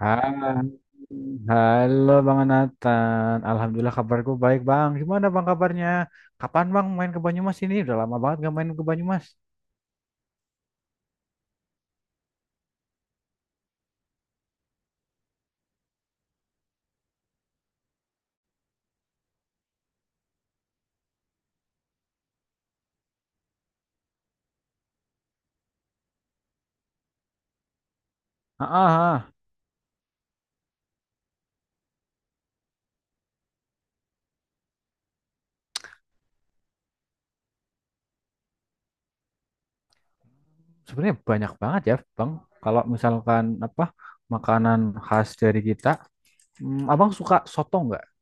Hai, halo Bang Nathan. Alhamdulillah kabarku baik Bang. Gimana Bang kabarnya? Kapan Bang main ke Banyumas ini? Udah lama banget gak main ke Banyumas. Ah, ah, ah. Sebenarnya banyak banget ya Bang. Kalau misalkan apa makanan khas dari kita, Abang suka soto nggak?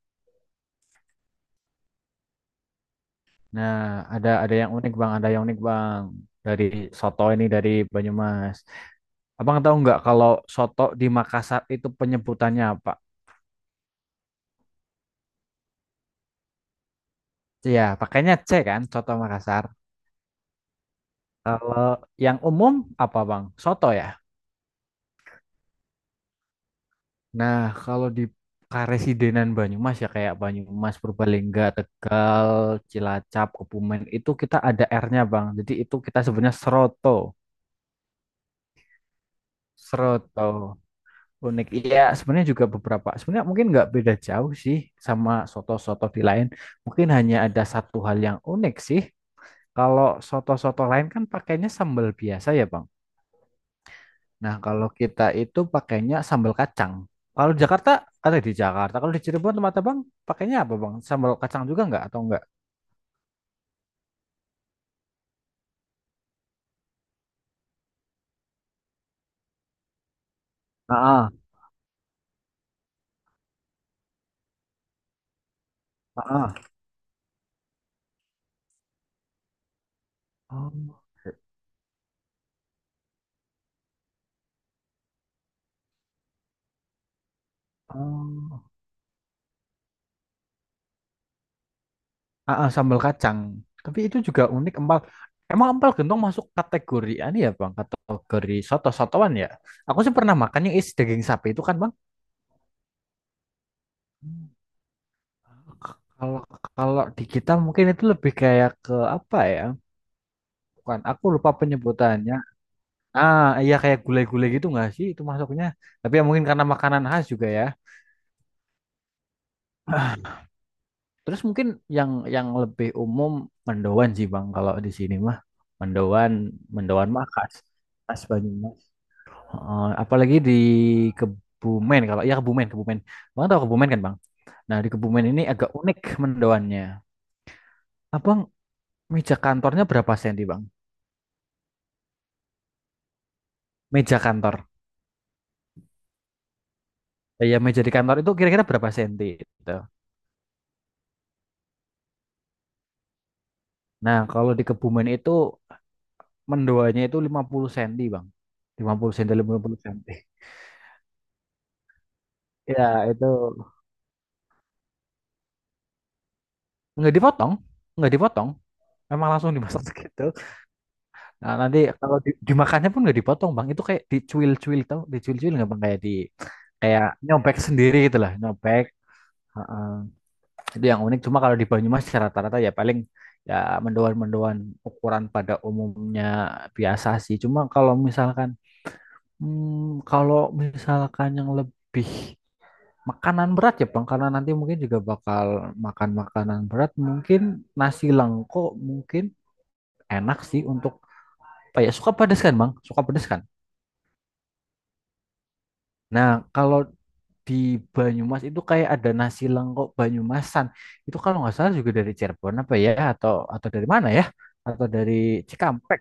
Nah, ada yang unik Bang, ada yang unik Bang dari soto ini dari Banyumas. Abang tahu nggak kalau soto di Makassar itu penyebutannya apa? Iya, pakainya C kan, soto Makassar. Kalau yang umum apa Bang? Soto ya. Nah, kalau di Karesidenan Banyumas ya kayak Banyumas, Purbalingga, Tegal, Cilacap, Kebumen itu kita ada R-nya Bang. Jadi itu kita sebenarnya seroto. Seroto. Unik. Iya, sebenarnya juga beberapa. Sebenarnya mungkin nggak beda jauh sih sama soto-soto di lain. Mungkin hanya ada satu hal yang unik sih. Kalau soto-soto lain kan pakainya sambal biasa ya Bang. Nah, kalau kita itu pakainya sambal kacang. Kalau di Jakarta, ada di Jakarta. Kalau di Cirebon tempat Abang pakainya apa, Bang? Sambal kacang juga nggak atau enggak? Heeh, heeh. Oh, oh. Heeh, sambal kacang. Tapi itu juga unik empal. Emang empal gentong masuk kategori ini ya, Bang? Kategori soto-sotoan ya? Aku sih pernah makan yang isi daging sapi itu kan, Bang? Hmm. Kalau kalau di kita mungkin itu lebih kayak ke apa ya? Bukan, aku lupa penyebutannya. Ah, iya kayak gulai-gulai gitu nggak sih itu masuknya? Tapi ya mungkin karena makanan khas juga ya. Terus mungkin yang lebih umum mendoan sih Bang kalau di sini mah. Mendoan, mendoan mah khas. Khas Banyumas. Heeh, apalagi di Kebumen kalau ya Kebumen, Kebumen. Bang tahu Kebumen kan, Bang? Nah, di Kebumen ini agak unik mendoannya. Abang meja kantornya berapa senti, Bang? Meja kantor. Ya, meja di kantor itu kira-kira berapa senti gitu. Nah, kalau di Kebumen itu mendoanya itu 50 cm, Bang. 50 cm, puluh cm. Ya, itu nggak dipotong, nggak dipotong. Emang langsung dimasak gitu. Nah, nanti kalau dimakannya pun nggak dipotong, Bang. Itu kayak dicuil-cuil tau, dicuil-cuil nggak Bang? Kayak nyobek sendiri gitu lah, nyobek. Heeh. Itu yang unik. Cuma kalau di Banyumas ya rata-rata ya paling ya mendoan-mendoan ukuran pada umumnya biasa sih. Cuma kalau misalkan yang lebih makanan berat ya, Bang, karena nanti mungkin juga bakal makan makanan berat. Mungkin nasi lengko mungkin enak sih untuk apa ya? Suka pedes kan, Bang? Suka pedes kan? Nah, kalau di Banyumas itu kayak ada nasi lengko Banyumasan. Itu kalau nggak salah juga dari Cirebon apa ya? Atau dari mana ya? Atau dari Cikampek.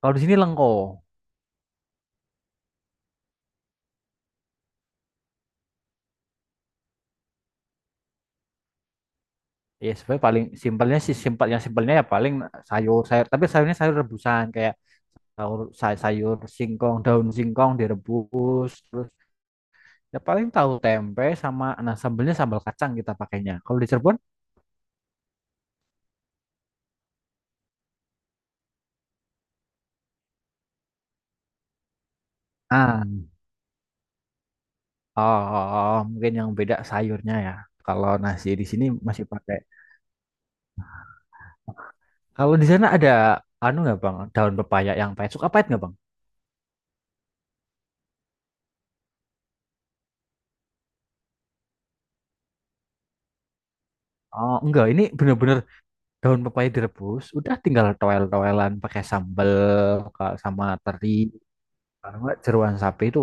Kalau di sini lengko. Ya, sebenarnya paling simpelnya sih simpelnya simpelnya ya paling sayur sayur. Tapi sayurnya sayur rebusan kayak sayur sayur singkong daun singkong direbus terus ya paling tahu tempe sama nah sambelnya sambal kacang kita pakainya. Kalau di Cirebon, ah, oh, oh, oh, mungkin yang beda sayurnya ya. Kalau nasi di sini masih pakai. Kalau di sana ada anu nggak Bang, daun pepaya yang pahit. Suka pahit nggak Bang? Oh, enggak, ini bener-bener daun pepaya direbus, udah tinggal toel-toelan pakai sambel sama teri. Karena nggak jeroan sapi itu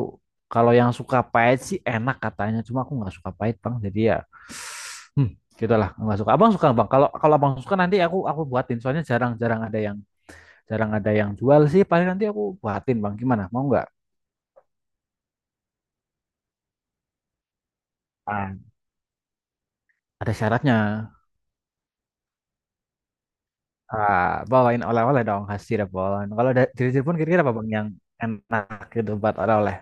kalau yang suka pahit sih enak katanya. Cuma aku nggak suka pahit bang. Jadi ya, hmm, gitu nggak suka. Abang suka bang. Kalau kalau abang suka nanti aku buatin. Soalnya jarang ada yang jual sih. Paling nanti aku buatin bang. Gimana? Mau nggak? Ah, ada syaratnya. Ah, bawain oleh-oleh dong khas Cirebon. Kalau ada dari Cirebon kira-kira apa bang yang enak gitu buat oleh-oleh?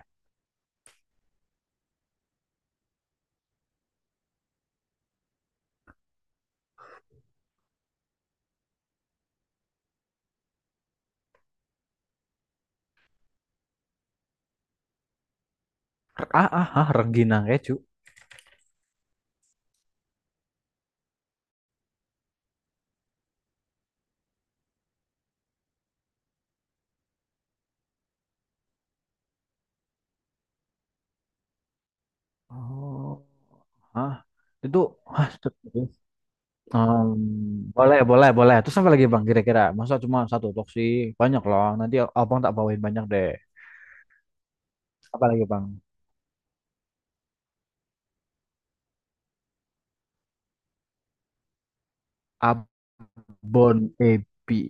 Ah, ah, ah, rengginang keju. Oh, ah, itu khas. Em, Boleh, boleh, boleh. Terus apa lagi Bang kira-kira? Masa cuma satu box sih? Banyak loh. Nanti Abang tak bawain banyak deh. Apa lagi Bang? Abon Ebi.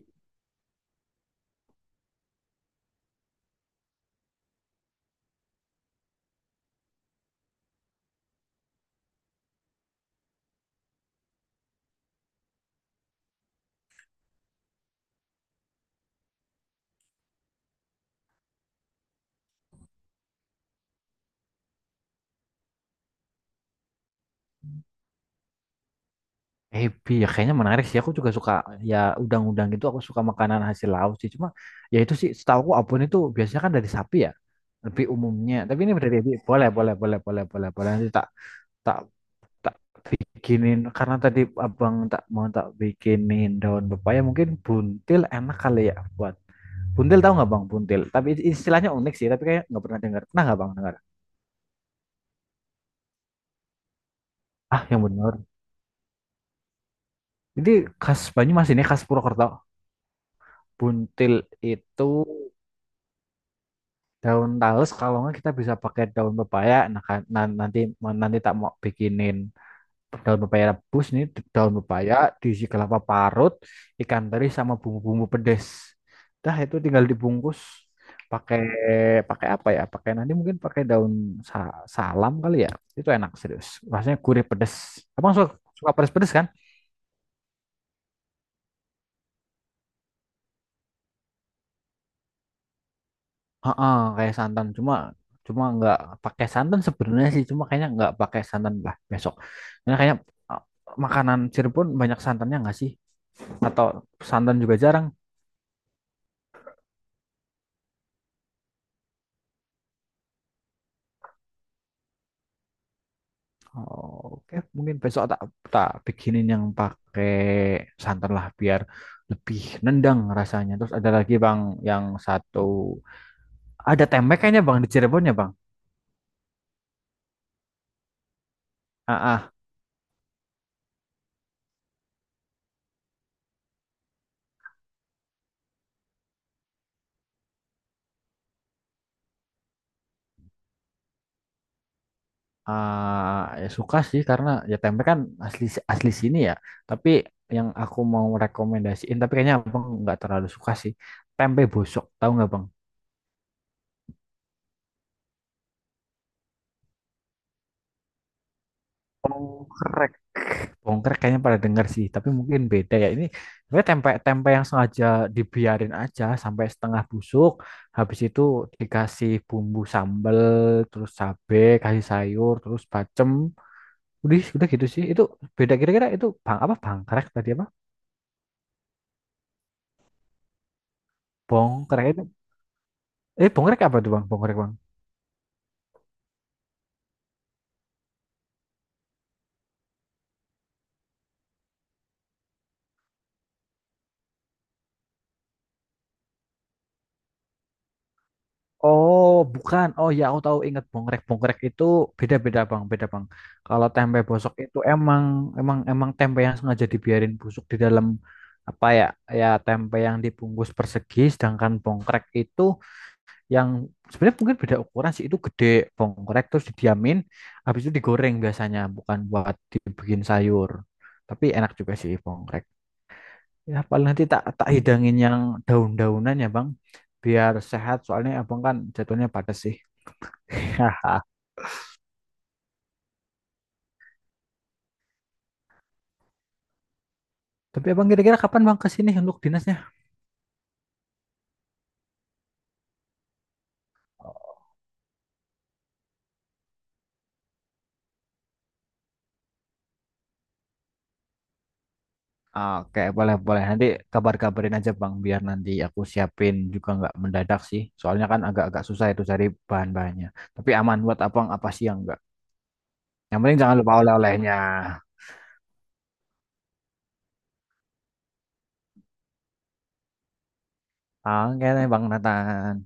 Ebi ya kayaknya menarik sih. Aku juga suka ya udang-udang gitu. Aku suka makanan hasil laut sih. Cuma ya itu sih setahu aku abon itu biasanya kan dari sapi ya. Lebih umumnya. Tapi ini dari ebi. Boleh, boleh, boleh, boleh, boleh, boleh. Nanti tak tak tak bikinin karena tadi Abang tak mau tak bikinin daun pepaya mungkin buntil enak kali ya buat buntil tahu nggak bang? Buntil. Tapi istilahnya unik sih. Tapi kayak nggak pernah dengar. Pernah nggak bang dengar? Ah yang benar. Jadi khas Banyumas ini khas Purwokerto. Buntil itu daun talus. Kalau nggak kita bisa pakai daun pepaya. Nah, kan- nan- nanti nanti tak mau bikinin daun pepaya rebus ini daun pepaya diisi kelapa parut ikan teri sama bumbu-bumbu pedes dah itu tinggal dibungkus pakai pakai apa ya pakai nanti mungkin pakai daun salam kali ya itu enak serius rasanya gurih pedes abang suka suka pedes pedes kan. Heeh, kayak santan cuma cuma nggak pakai santan sebenarnya sih cuma kayaknya nggak pakai santan lah besok karena kayaknya uh, makanan Cirebon banyak santannya nggak sih atau santan juga jarang. Oh, oke, mungkin besok tak tak bikinin yang pakai santan lah biar lebih nendang rasanya. Terus ada lagi Bang yang satu ada tempe kayaknya Bang di Cirebon ya Bang. Ah, ah, ah, ya suka sih karena ya tempe kan asli asli sini ya. Tapi yang aku mau rekomendasiin tapi kayaknya Bang nggak terlalu suka sih. Tempe bosok, tahu nggak Bang? Oh, bongkar kayaknya pada dengar sih, tapi mungkin beda ya. Ini sebenarnya tempe tempe yang sengaja dibiarin aja sampai setengah busuk, habis itu dikasih bumbu sambal, terus cabe, kasih sayur, terus bacem. Udah gitu sih. Itu beda kira-kira itu bang apa bangkrek tadi apa? Bongkrek itu. Eh, bongkrek apa tuh bang? Bongkrek bang. Oh, bukan. Oh ya, aku tahu ingat bongrek bongrek itu beda-beda, Bang. Beda, Bang. Kalau tempe bosok itu emang emang emang tempe yang sengaja dibiarin busuk di dalam apa ya? Ya tempe yang dibungkus persegi, sedangkan bongkrek itu yang sebenarnya mungkin beda ukuran sih. Itu gede bongkrek terus didiamin, habis itu digoreng biasanya, bukan buat dibikin sayur. Tapi enak juga sih bongkrek. Ya paling nanti tak tak hidangin yang daun-daunan ya, Bang. Biar sehat, soalnya abang kan jatuhnya padat sih. Haha. Tapi abang kira-kira kapan bang ke sini untuk dinasnya? Oke, boleh boleh. Nanti kabar-kabarin aja bang, biar nanti aku siapin juga nggak mendadak sih. Soalnya kan agak-agak susah itu cari bahan-bahannya. Tapi aman buat abang apa sih yang enggak. Yang penting jangan lupa oleh-olehnya. Oke, deh, bang Nathan.